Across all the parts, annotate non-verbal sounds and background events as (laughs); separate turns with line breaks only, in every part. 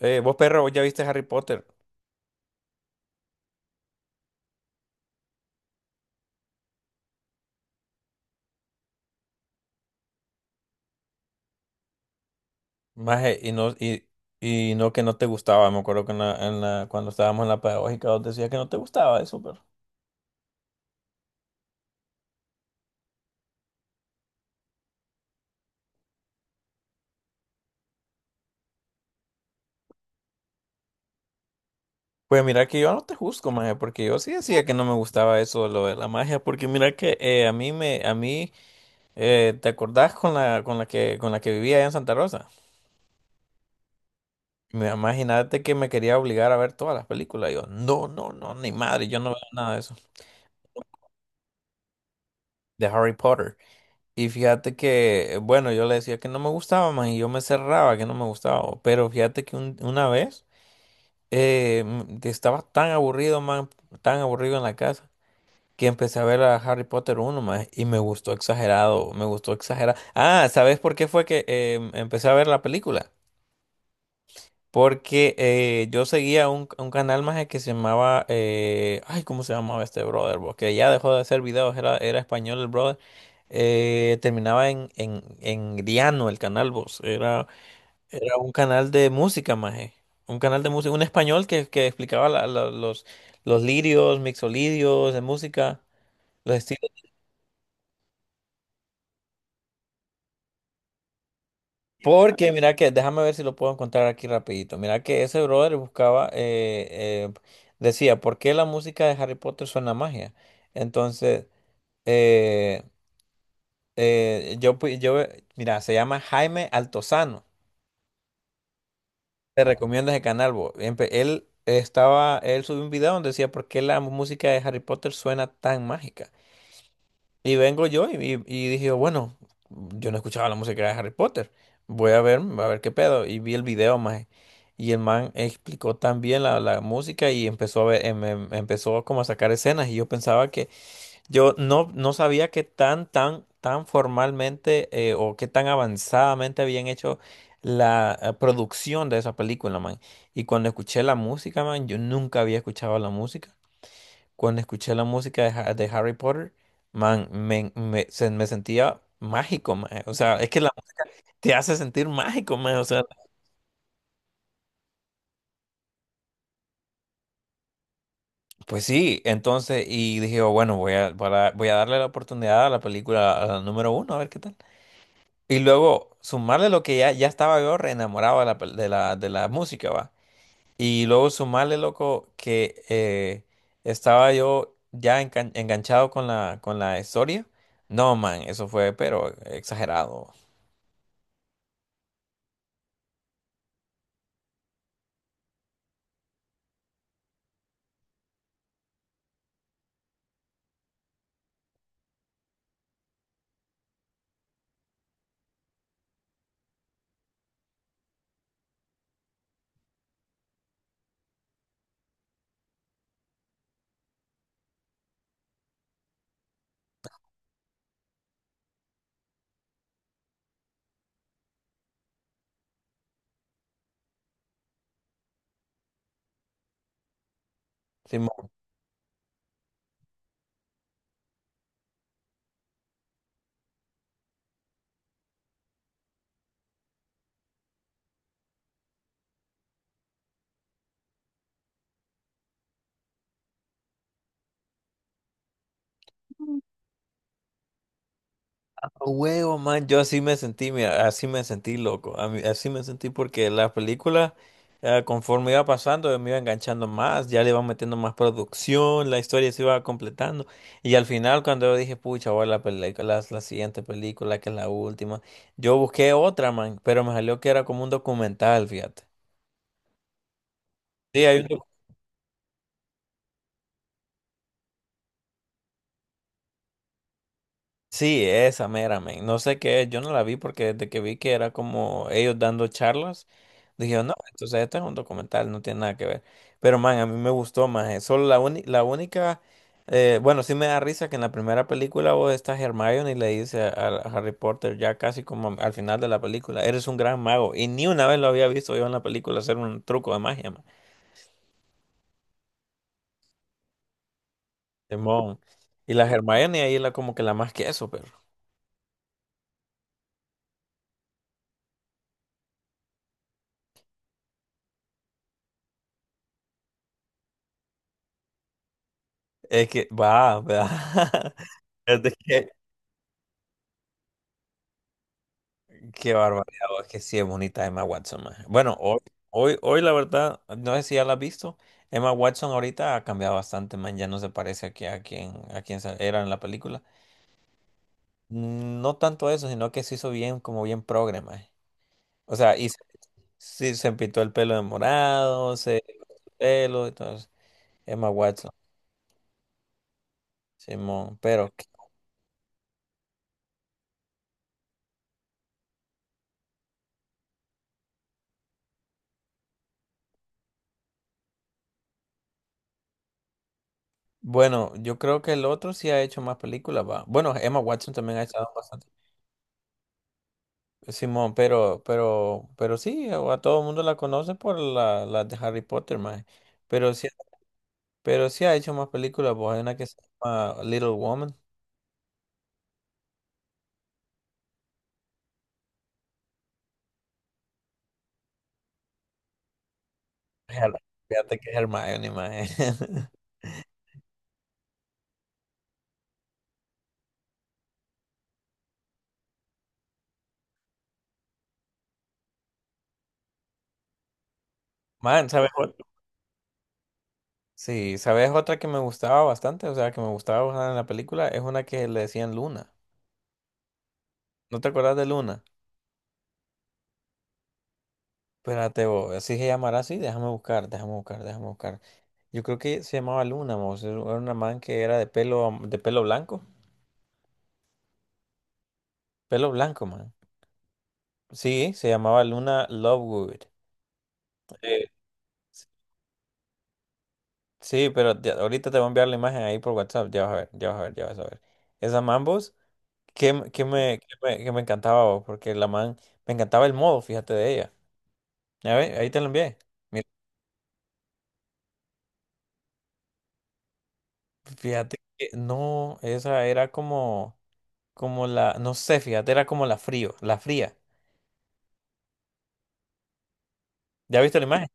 Vos, perro, vos ya viste Harry Potter. Maje, y no que no te gustaba. Me acuerdo que cuando estábamos en la pedagógica vos decías que no te gustaba eso, perro. Pues mira que yo no te juzgo, maje, porque yo sí decía que no me gustaba eso, lo de la magia, porque mira que a mí, ¿te acordás con la que vivía allá en Santa Rosa? Me imagínate que me quería obligar a ver todas las películas. Y yo, no, no, no, ni madre, yo no veo nada de eso. De Harry Potter. Y fíjate que, bueno, yo le decía que no me gustaba más y yo me cerraba que no me gustaba. Pero fíjate que una vez que estaba tan aburrido, man, tan aburrido en la casa, que empecé a ver a Harry Potter uno más y me gustó exagerado, me gustó exagerado. Ah, ¿sabes por qué fue que empecé a ver la película? Porque yo seguía un canal más que se llamaba, ay, ¿cómo se llamaba este brother? Porque ya dejó de hacer videos, era español el brother. Terminaba en Griano el canal, vos. Era, era un canal de música, maje. Un canal de música, un español que explicaba los lirios, mixolidios de música, los estilos. Porque mira que, déjame ver si lo puedo encontrar aquí rapidito. Mira que ese brother buscaba, decía, ¿por qué la música de Harry Potter suena a magia? Entonces, eh, yo, mira, se llama Jaime Altozano. Te recomiendo ese canal, bo. Él estaba, él subió un video donde decía, ¿por qué la música de Harry Potter suena tan mágica? Y vengo yo y dije, bueno, yo no escuchaba la música de Harry Potter. Voy a ver qué pedo. Y vi el video, maje. Y el man explicó también la música y empezó a ver, empezó como a sacar escenas. Y yo pensaba que, yo no, no sabía qué tan, tan, tan formalmente o qué tan avanzadamente habían hecho la producción de esa película, man. Y cuando escuché la música, man, yo nunca había escuchado la música. Cuando escuché la música de, de Harry Potter, man, me sentía mágico, mae. O sea, es que te hace sentir mágico, mae. O sea, pues sí, entonces, y dije, "Oh, bueno, voy a, voy a darle la oportunidad a la película, a la número uno, a ver qué tal. Y luego sumarle lo que ya, ya estaba yo re enamorado de la, pel- de la música, va. Y luego sumarle, loco, que estaba yo ya enganchado con la historia. No, man, eso fue, pero exagerado. Sí, huevo, man, yo así me sentí, mira, así me sentí loco, así me sentí porque la película conforme iba pasando, me iba enganchando más, ya le iban metiendo más producción, la historia se iba completando, y al final cuando yo dije, pucha, voy a la película, la, siguiente película, que es la última, yo busqué otra, man, pero me salió que era como un documental, fíjate. Sí, hay un. Sí, esa mera, men. No sé qué es, yo no la vi porque desde que vi que era como ellos dando charlas, dije, no, entonces esto es un documental, no tiene nada que ver. Pero, man, a mí me gustó más. Solo la única, bueno, sí me da risa que en la primera película vos estás Hermione y le dice a Harry Potter ya casi como al final de la película, eres un gran mago. Y ni una vez lo había visto yo en la película hacer un truco de magia, man. Simón. Y la Hermione ahí la como que la más que eso, pero es que va, va. (laughs) Es de que. Qué barbaridad, oh, es que sí es bonita Emma Watson, maje. Hoy la verdad, no sé si ya la has visto. Emma Watson ahorita ha cambiado bastante, man, ya no se parece aquí a quien era en la película. Mm, no tanto eso, sino que se hizo bien, como bien progre, maje. O sea, sí, se pintó el pelo de morado, se pelo, y entonces, Emma Watson, Simón, pero bueno, yo creo que el otro sí ha hecho más películas, va. Bueno, Emma Watson también ha hecho bastante. Simón, pero sí, a todo el mundo la conoce por la de Harry Potter, más. Pero sí, pero sí ha hecho más películas, pues hay una que se llama Little Woman. Her- Fíjate que es Hermione, maje. (laughs) Man, ¿sabes? Sí, ¿sabes otra que me gustaba bastante? O sea, que me gustaba bastante en la película, es una que le decían Luna. ¿No te acuerdas de Luna? Espérate, vos, así se llamará así, déjame buscar, déjame buscar, déjame buscar. Yo creo que se llamaba Luna, mos, era una man que era de pelo, de pelo blanco, man. Sí, se llamaba Luna Lovegood. Eh, sí, ahorita te voy a enviar la imagen ahí por WhatsApp. Ya vas a ver, ya vas a ver, ya vas a ver. Esa Mambos, que me qué me encantaba, bo, porque la man, me encantaba el modo, fíjate de ella. A ver, ahí te la envié. Mira, fíjate que no, esa era como, como la, no sé, fíjate, era como la frío, la fría. ¿Ya viste la imagen?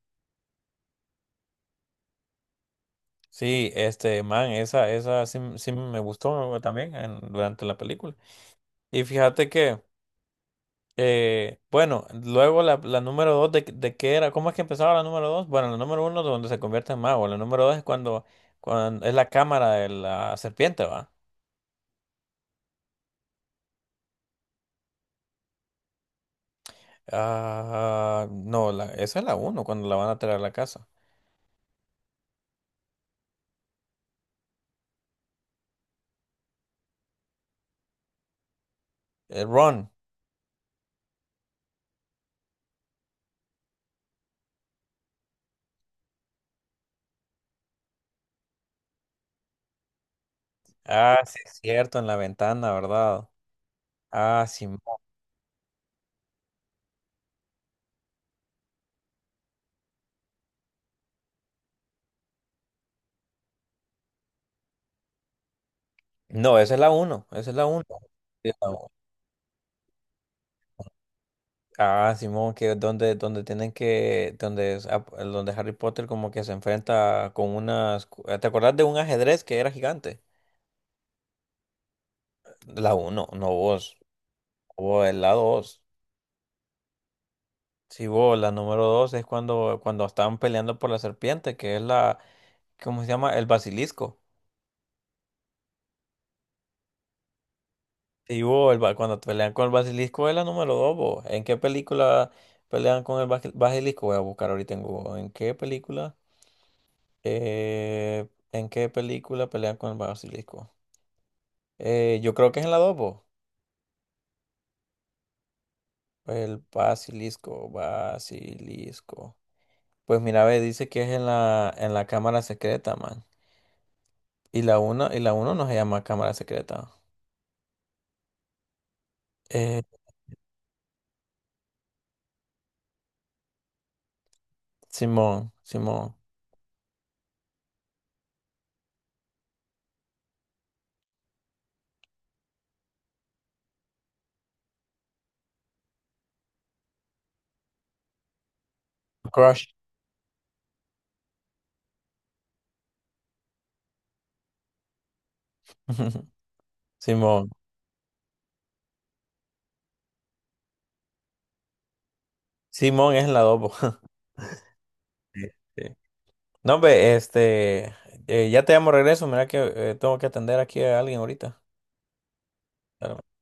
Sí, este man, esa sí, sí me gustó también durante la película. Y fíjate que. Bueno, luego la número dos de qué era, ¿cómo es que empezaba la número dos? Bueno, la número uno es donde se convierte en mago, la número dos es cuando, cuando es la cámara de la serpiente, ¿va? Ah, no, la, esa es la uno, cuando la van a traer a la casa. Ron, ah, sí, es cierto, en la ventana, ¿verdad? Ah, sí. No, esa es la uno, esa es la uno. Ah, Simón, que es donde, donde tienen que, donde, donde Harry Potter como que se enfrenta con unas, ¿te acordás de un ajedrez que era gigante? La uno, no vos, vos, es la dos. Sí, vos, la número dos es cuando, cuando estaban peleando por la serpiente, que es la, ¿cómo se llama? El basilisco. Sí, vos, cuando pelean con el basilisco es la número dos, vos. ¿En qué película pelean con el basilisco? Voy a buscar ahorita en Google. ¿En qué película? ¿En qué película pelean con el basilisco? Yo creo que es en la 2, po. El basilisco, basilisco. Pues mira, ve, dice que es en la cámara secreta, man. Y la uno no se llama cámara secreta. Eh, Simón, Simón. Crush. (laughs) Simón. Simón es en la 2, po. (laughs) Sí, sí. No, ve, este, ya te llamo de regreso. Mira que tengo que atender aquí a alguien ahorita. Claro.